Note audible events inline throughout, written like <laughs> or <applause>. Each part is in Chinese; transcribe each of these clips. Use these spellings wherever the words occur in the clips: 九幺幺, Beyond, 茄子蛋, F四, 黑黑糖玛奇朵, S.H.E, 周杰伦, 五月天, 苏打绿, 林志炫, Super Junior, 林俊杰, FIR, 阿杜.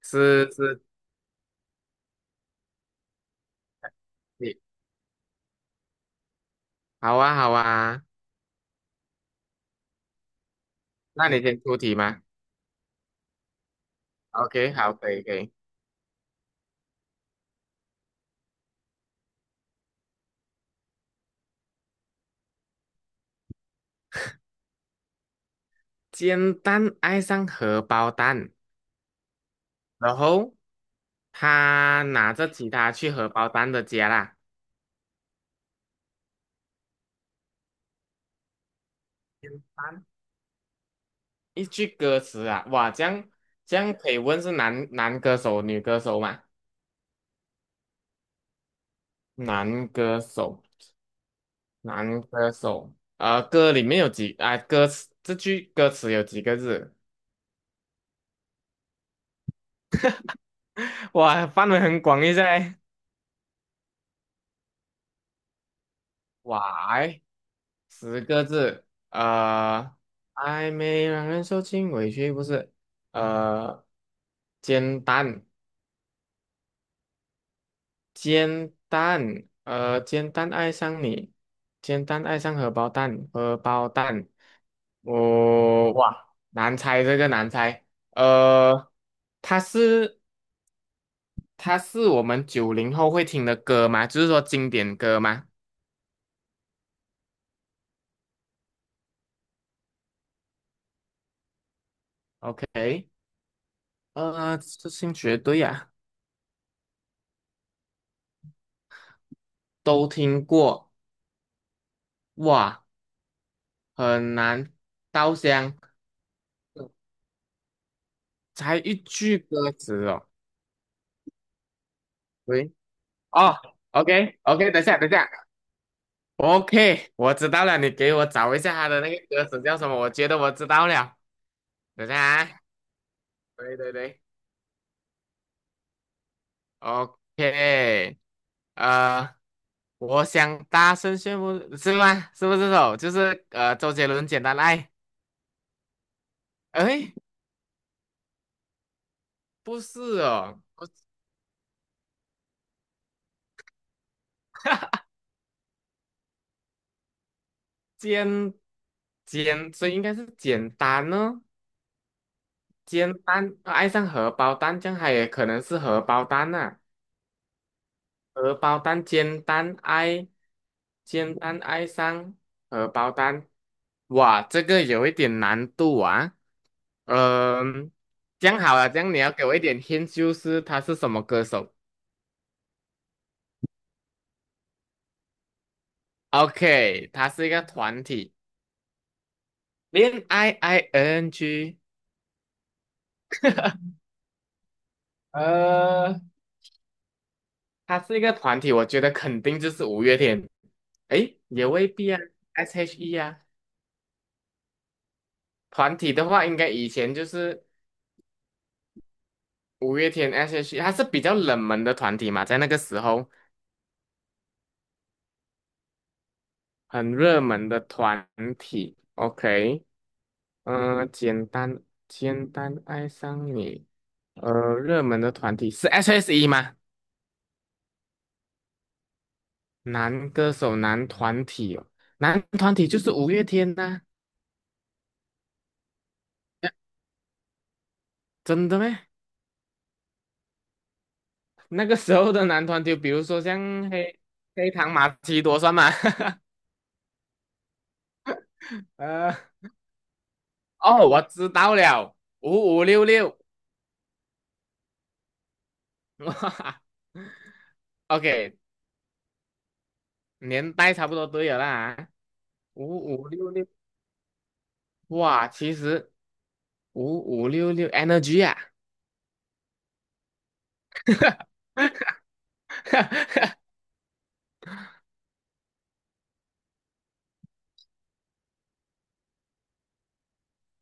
是是，你好啊好啊，那你先出题嘛。o k 好，可以可以。简单爱上荷包蛋，然后他拿着吉他去荷包蛋的家啦。简单一句歌词啊，哇，这样可以问是男歌手、女歌手吗？男歌手，男歌手，歌里面有几啊、这句歌词有几个字？<laughs> 哇，范围很广一下欸，哇，哎10个字，呃，暧昧让人受尽委屈，不是，呃，煎蛋，煎蛋，煎蛋爱上你，煎蛋爱上荷包蛋，荷包蛋，我、哇，难猜这个难猜，呃，它是它是我们90后会听的歌吗？就是说经典歌吗？OK，这兴绝对啊，都听过，哇。很难稻香，才一句歌词哦。喂，哦，OK OK，等一下等一下，OK，我知道了，你给我找一下他的那个歌词叫什么？我觉得我知道了，等一下啊，对对对，OK，呃，我想大声宣布，是吗？是不是这首？就是周杰伦《简单爱》？哎，不是哦，我简所以应该是简单呢。煎蛋，爱上荷包蛋，这样它也可能是荷包蛋呐、荷包蛋煎蛋爱，煎蛋爱上荷包蛋，哇，这个有一点难度啊。嗯、这样好了，这样你要给我一点 hint，就是他是什么歌手？OK，他是一个团体，恋爱 ing，呃，他是一个团体，我觉得肯定就是五月天。诶，也未必啊，S.H.E 啊。团体的话，应该以前就是五月天 S.H.E，它是比较冷门的团体嘛，在那个时候很热门的团体。OK，嗯、简单爱上你，热门的团体是 S.H.E 吗？男歌手男团体哦，男团体就是五月天呐、真的咩？那个时候的男团体，比如说像黑糖玛奇朵算吗？<laughs> 呃，哦，我知道了，五五六六。<laughs> OK，年代差不多都有啦啊，五五六六，哇，其实五五六六 energy 啊，<laughs>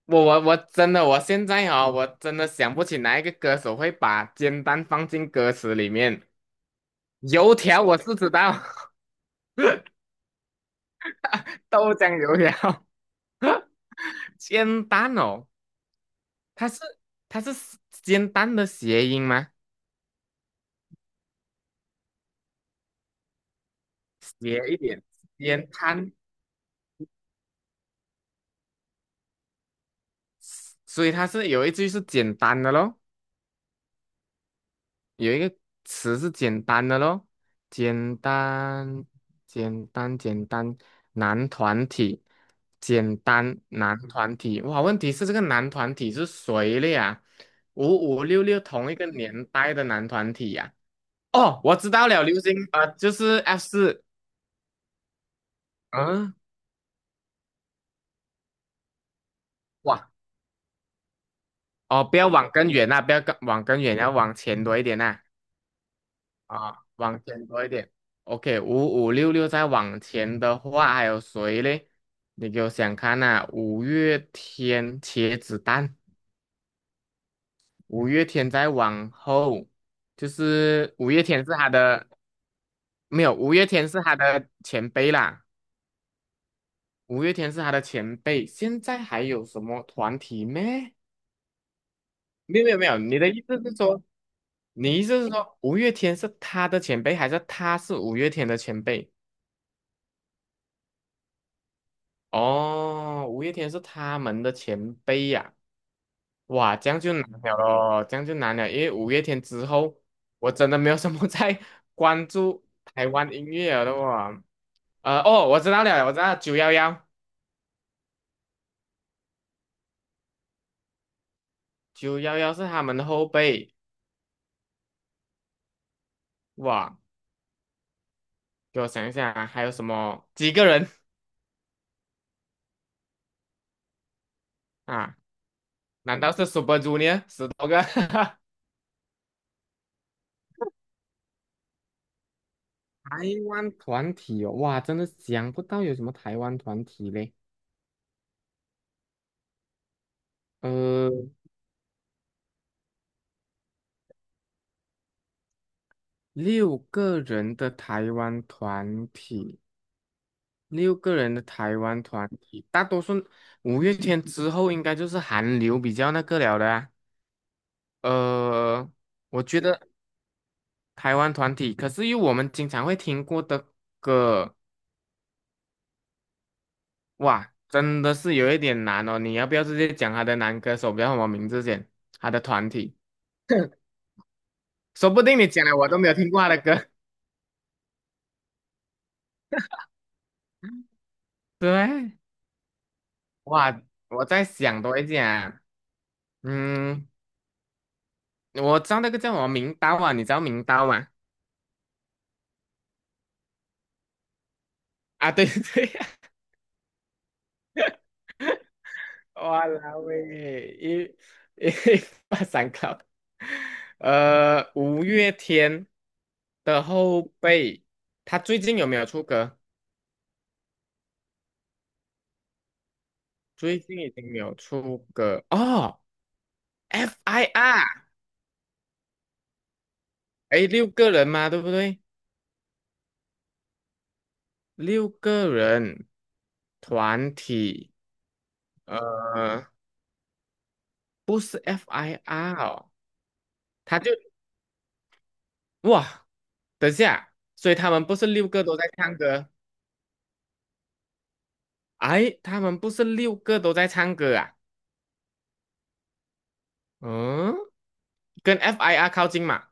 我真的，我现在哦，我真的想不起哪一个歌手会把煎蛋放进歌词里面。油条我是知道，<laughs> 豆浆油条，<laughs> 煎蛋哦，它是它是煎蛋的谐音吗？谐一点，煎蛋，所以它是有一句是简单的咯。有一个词是简单的咯，简单，简单，简单，男团体，简单男团体。哇，问题是这个男团体是谁了呀？五五六六同一个年代的男团体呀、哦，我知道了，流行就是 F4。嗯、哇，哦，不要往更远啊，不要更往更远，要往前多一点呐。啊，往前多一点。OK，五五六六再往前的话，还有谁嘞？你给我想看呐、啊五月天、茄子蛋，五月天再往后，就是五月天是他的，没有，五月天是他的前辈啦，五月天是他的前辈。现在还有什么团体咩？没有没有没有，你的意思是说，你意思是说五月天是他的前辈，还是他是五月天的前辈？哦，五月天是他们的前辈呀、哇，这样就难了咯，这样就难了，因为五月天之后，我真的没有什么 <laughs> 在关注台湾音乐了的哇。哦，我知道了，我知道九幺幺，九幺幺是他们的后辈。哇，给我想一想啊，还有什么几个人啊？难道是 Super Junior 十多个？<laughs> 台湾团体哦，哇，真的想不到有什么台湾团体嘞。呃，六个人的台湾团体，六个人的台湾团体，大多数五月天之后应该就是韩流比较那个了的啊。呃，我觉得台湾团体，可是又我们经常会听过的歌，哇，真的是有一点难哦。你要不要直接讲他的男歌手叫什么名字先？他的团体，说不定你讲了我都没有听过他的歌。<laughs> 对，哇，我在想多一点啊。嗯，我知道那个叫什么名刀啊，你知道名刀吗？啊，对 <laughs> 对对。<laughs> 哇啦喂，一 <laughs> 把三考，五月天的后辈，他最近有没有出歌？最近已经没有出歌哦，FIR，哎，六个人嘛，对不对？六个人团体，呃，不是 FIR 哦，他就哇，等下，所以他们不是六个都在唱歌？哎，他们不是六个都在唱歌啊？嗯，跟 FIR 靠近嘛？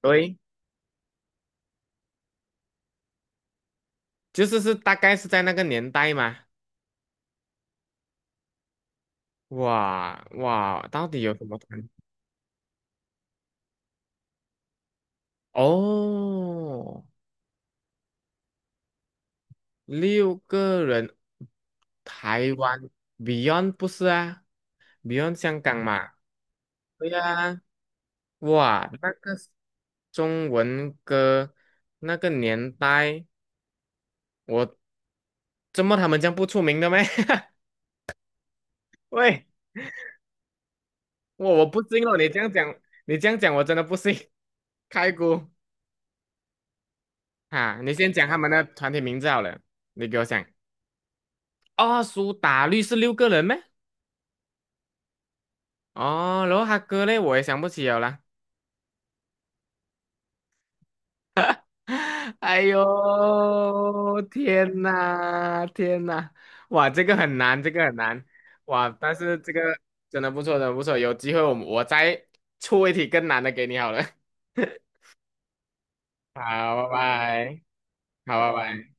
对，就是大概是在那个年代嘛。哇哇，到底有什么团？哦，六个人，台湾 Beyond 不是啊？Beyond 香港嘛？对呀、哇，那个中文歌那个年代。我怎么他们这样不出名的咩？<laughs> 喂，我不信哦，你这样讲，你这样讲我真的不信。开估啊，你先讲他们的团体名字好了，你给我想。哦，苏打绿是六个人咩？哦，然后他哥嘞，我也想不起了啦 <laughs> 哎呦，天呐，天呐，哇，这个很难，这个很难，哇，但是这个真的不错，真的不错，有机会我再出一题更难的给你好了。<laughs> 好，拜拜，好，拜拜。